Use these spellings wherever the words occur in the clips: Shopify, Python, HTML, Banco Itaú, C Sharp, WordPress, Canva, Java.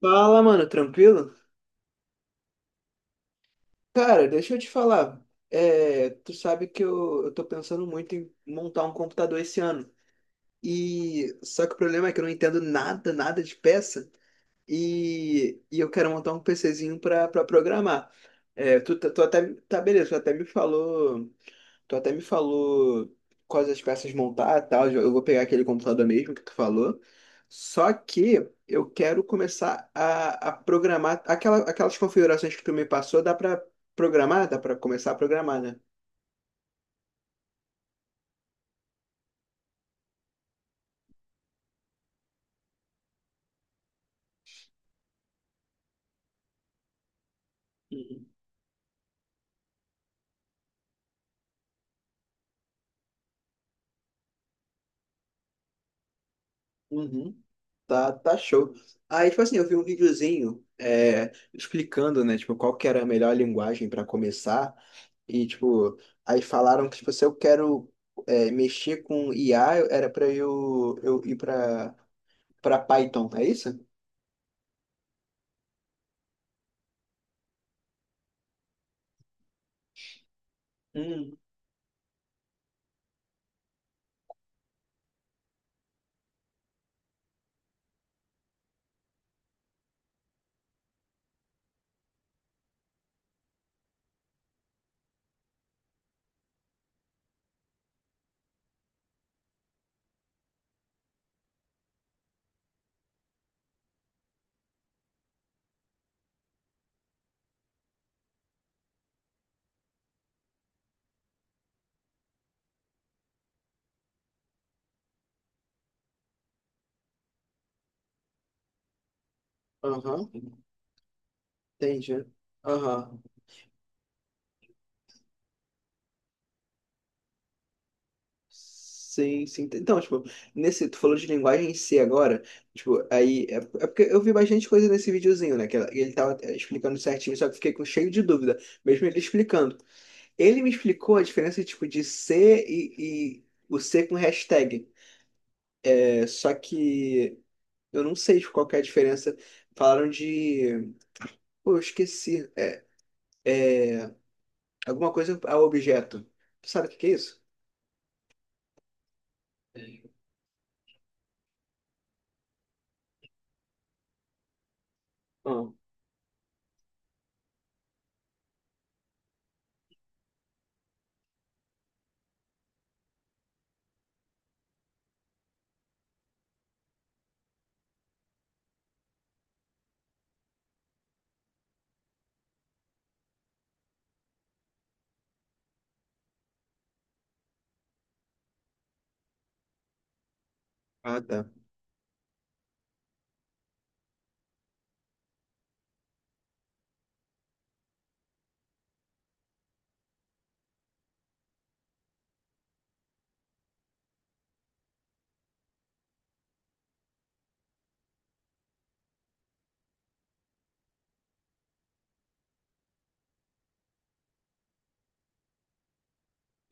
Fala, mano, tranquilo? Cara, deixa eu te falar. Tu sabe que eu tô pensando muito em montar um computador esse ano. E só que o problema é que eu não entendo nada de peça. E eu quero montar um PCzinho pra programar. Tu até, tá beleza, tu até me falou. Tu até me falou quais as peças montar e tal. Eu vou pegar aquele computador mesmo que tu falou. Só que eu quero começar a programar. Aquelas configurações que tu me passou, dá pra programar? Dá pra começar a programar, né? Uhum. Uhum. Tá show. Aí, tipo assim, eu vi um videozinho explicando, né, tipo, qual que era a melhor linguagem para começar. E, tipo, aí falaram que, tipo, se eu quero mexer com IA, era para eu ir para Python, é isso? Hum. Aham, entendi. Aham. Sim, sim. Então, tipo, nesse, tu falou de linguagem em C agora, tipo, aí, é porque eu vi bastante coisa nesse videozinho, né, que ele tava explicando certinho, só que eu fiquei com cheio de dúvida, mesmo ele explicando. Ele me explicou a diferença, tipo, de C e o C com hashtag, só que eu não sei, tipo, qual que é a diferença. Falaram de... Pô, eu esqueci. Alguma coisa ao objeto. Tu sabe o que que é isso? Não. Ah, tá.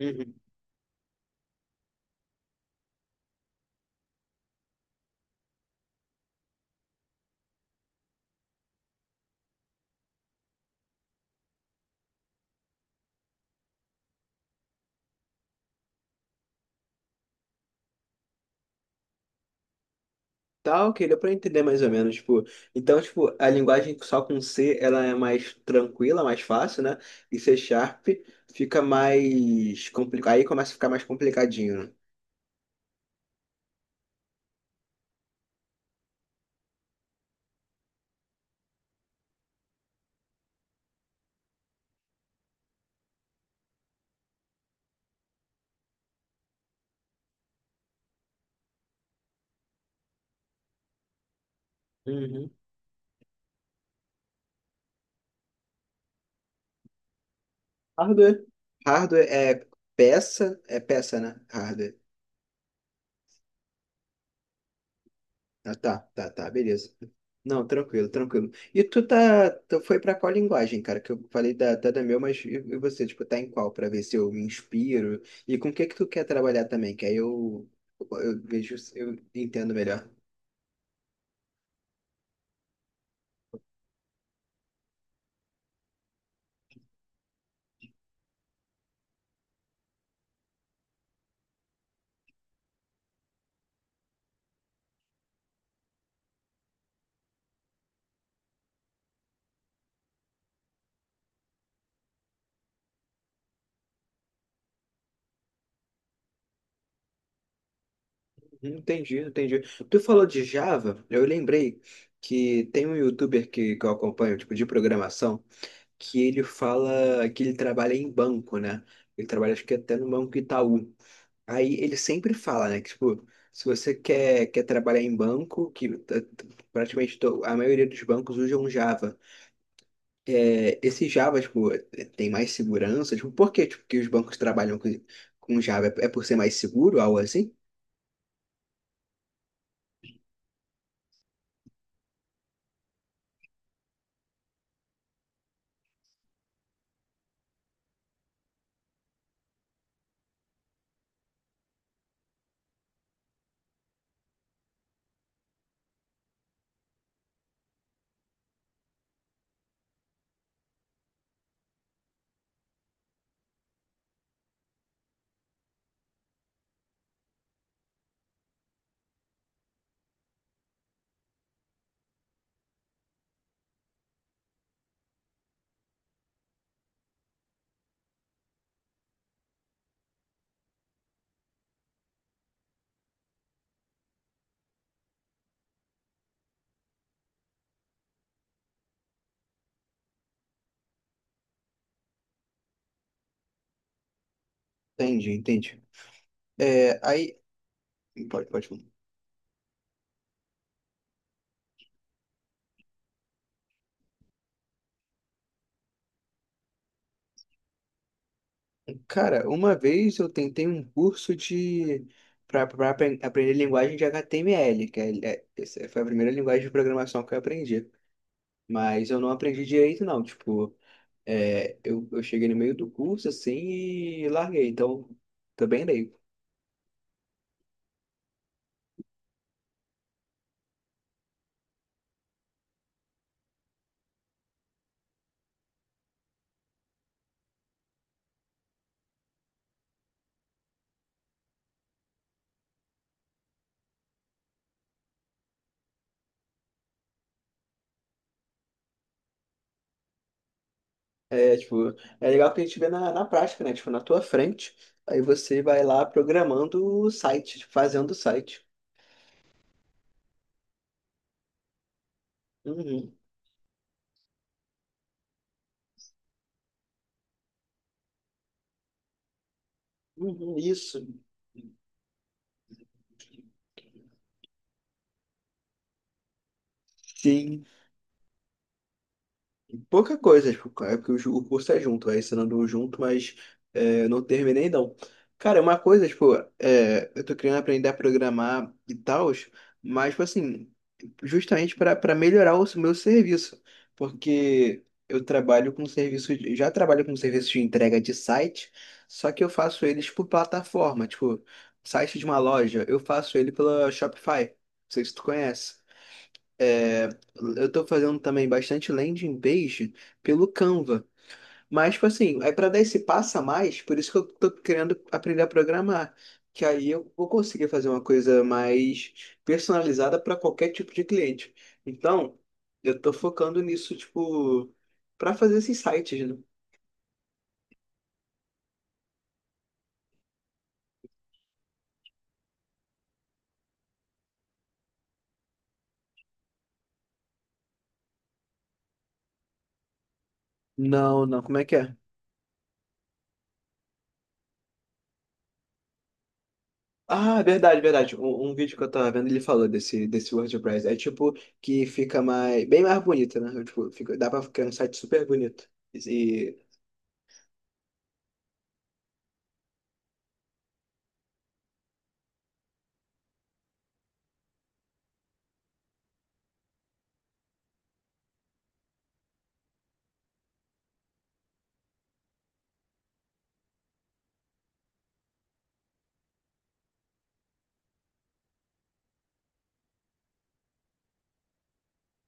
Uhum. Tá, ok, deu pra entender mais ou menos, tipo, então, tipo, a linguagem só com C, ela é mais tranquila, mais fácil, né? E C Sharp fica mais complicado, aí começa a ficar mais complicadinho, né? Uhum. Hardware. Hardware é é peça, né? Hardware. Ah, tá, tá, tá, beleza. Não, tranquilo, tranquilo. E tu foi pra qual linguagem, cara? Que eu falei da meu, mas e você, tipo, tá em qual? Pra ver se eu me inspiro. E com o que que tu quer trabalhar também? Que eu vejo, se eu entendo melhor. Uhum, entendi, entendi. Tu falou de Java, eu lembrei que tem um youtuber que eu acompanho, tipo, de programação, que ele fala que ele trabalha em banco, né? Ele trabalha, acho que até no Banco Itaú. Aí ele sempre fala, né, que, tipo, se você quer trabalhar em banco, praticamente a maioria dos bancos usam um Java. É, esse Java, tipo, é, tem mais segurança, tipo, por que, tipo, que os bancos trabalham com Java? É por ser mais seguro, algo assim? Entende, entende. É, aí, pode, pode. Cara, uma vez eu tentei um curso de, para pra aprender linguagem de HTML, essa foi a primeira linguagem de programação que eu aprendi. Mas eu não aprendi direito, não, tipo... É, eu cheguei no meio do curso, assim, e larguei. Então, também leigo. É, tipo, é legal que a gente vê na, na prática, né? Tipo, na tua frente. Aí você vai lá programando o site, tipo, fazendo o site. Uhum, uhum, isso. Sim, pouca coisa, tipo, é porque o o curso é junto, é ensinando um junto, mas é, não terminei não. Cara, uma coisa, tipo, é, eu tô querendo aprender a programar e tal, mas, tipo assim, justamente para melhorar o meu serviço, porque eu trabalho com serviço, já trabalho com serviço de entrega de site, só que eu faço eles por plataforma, tipo, site de uma loja, eu faço ele pela Shopify, não sei se tu conhece. É, eu estou fazendo também bastante landing page pelo Canva. Mas, tipo assim, é para dar esse passo a mais, por isso que eu estou querendo aprender a programar. Que aí eu vou conseguir fazer uma coisa mais personalizada para qualquer tipo de cliente. Então, eu estou focando nisso, tipo, para fazer esses sites, né? Não, não, como é que é? Ah, verdade, verdade. Um vídeo que eu tava vendo, ele falou desse WordPress. É tipo que fica mais, bem mais bonito, né? Tipo, fica, dá pra ficar um site super bonito. E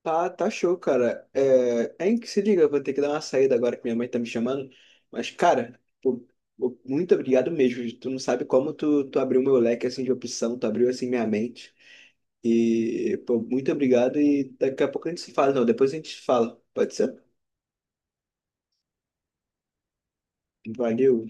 tá, tá show, cara. É, é em que se liga, eu vou ter que dar uma saída agora que minha mãe tá me chamando. Mas, cara, pô, muito obrigado mesmo. Tu não sabe como tu abriu meu leque assim de opção, tu abriu assim minha mente. E, pô, muito obrigado. E daqui a pouco a gente se fala, não. Depois a gente se fala. Pode ser? Valeu.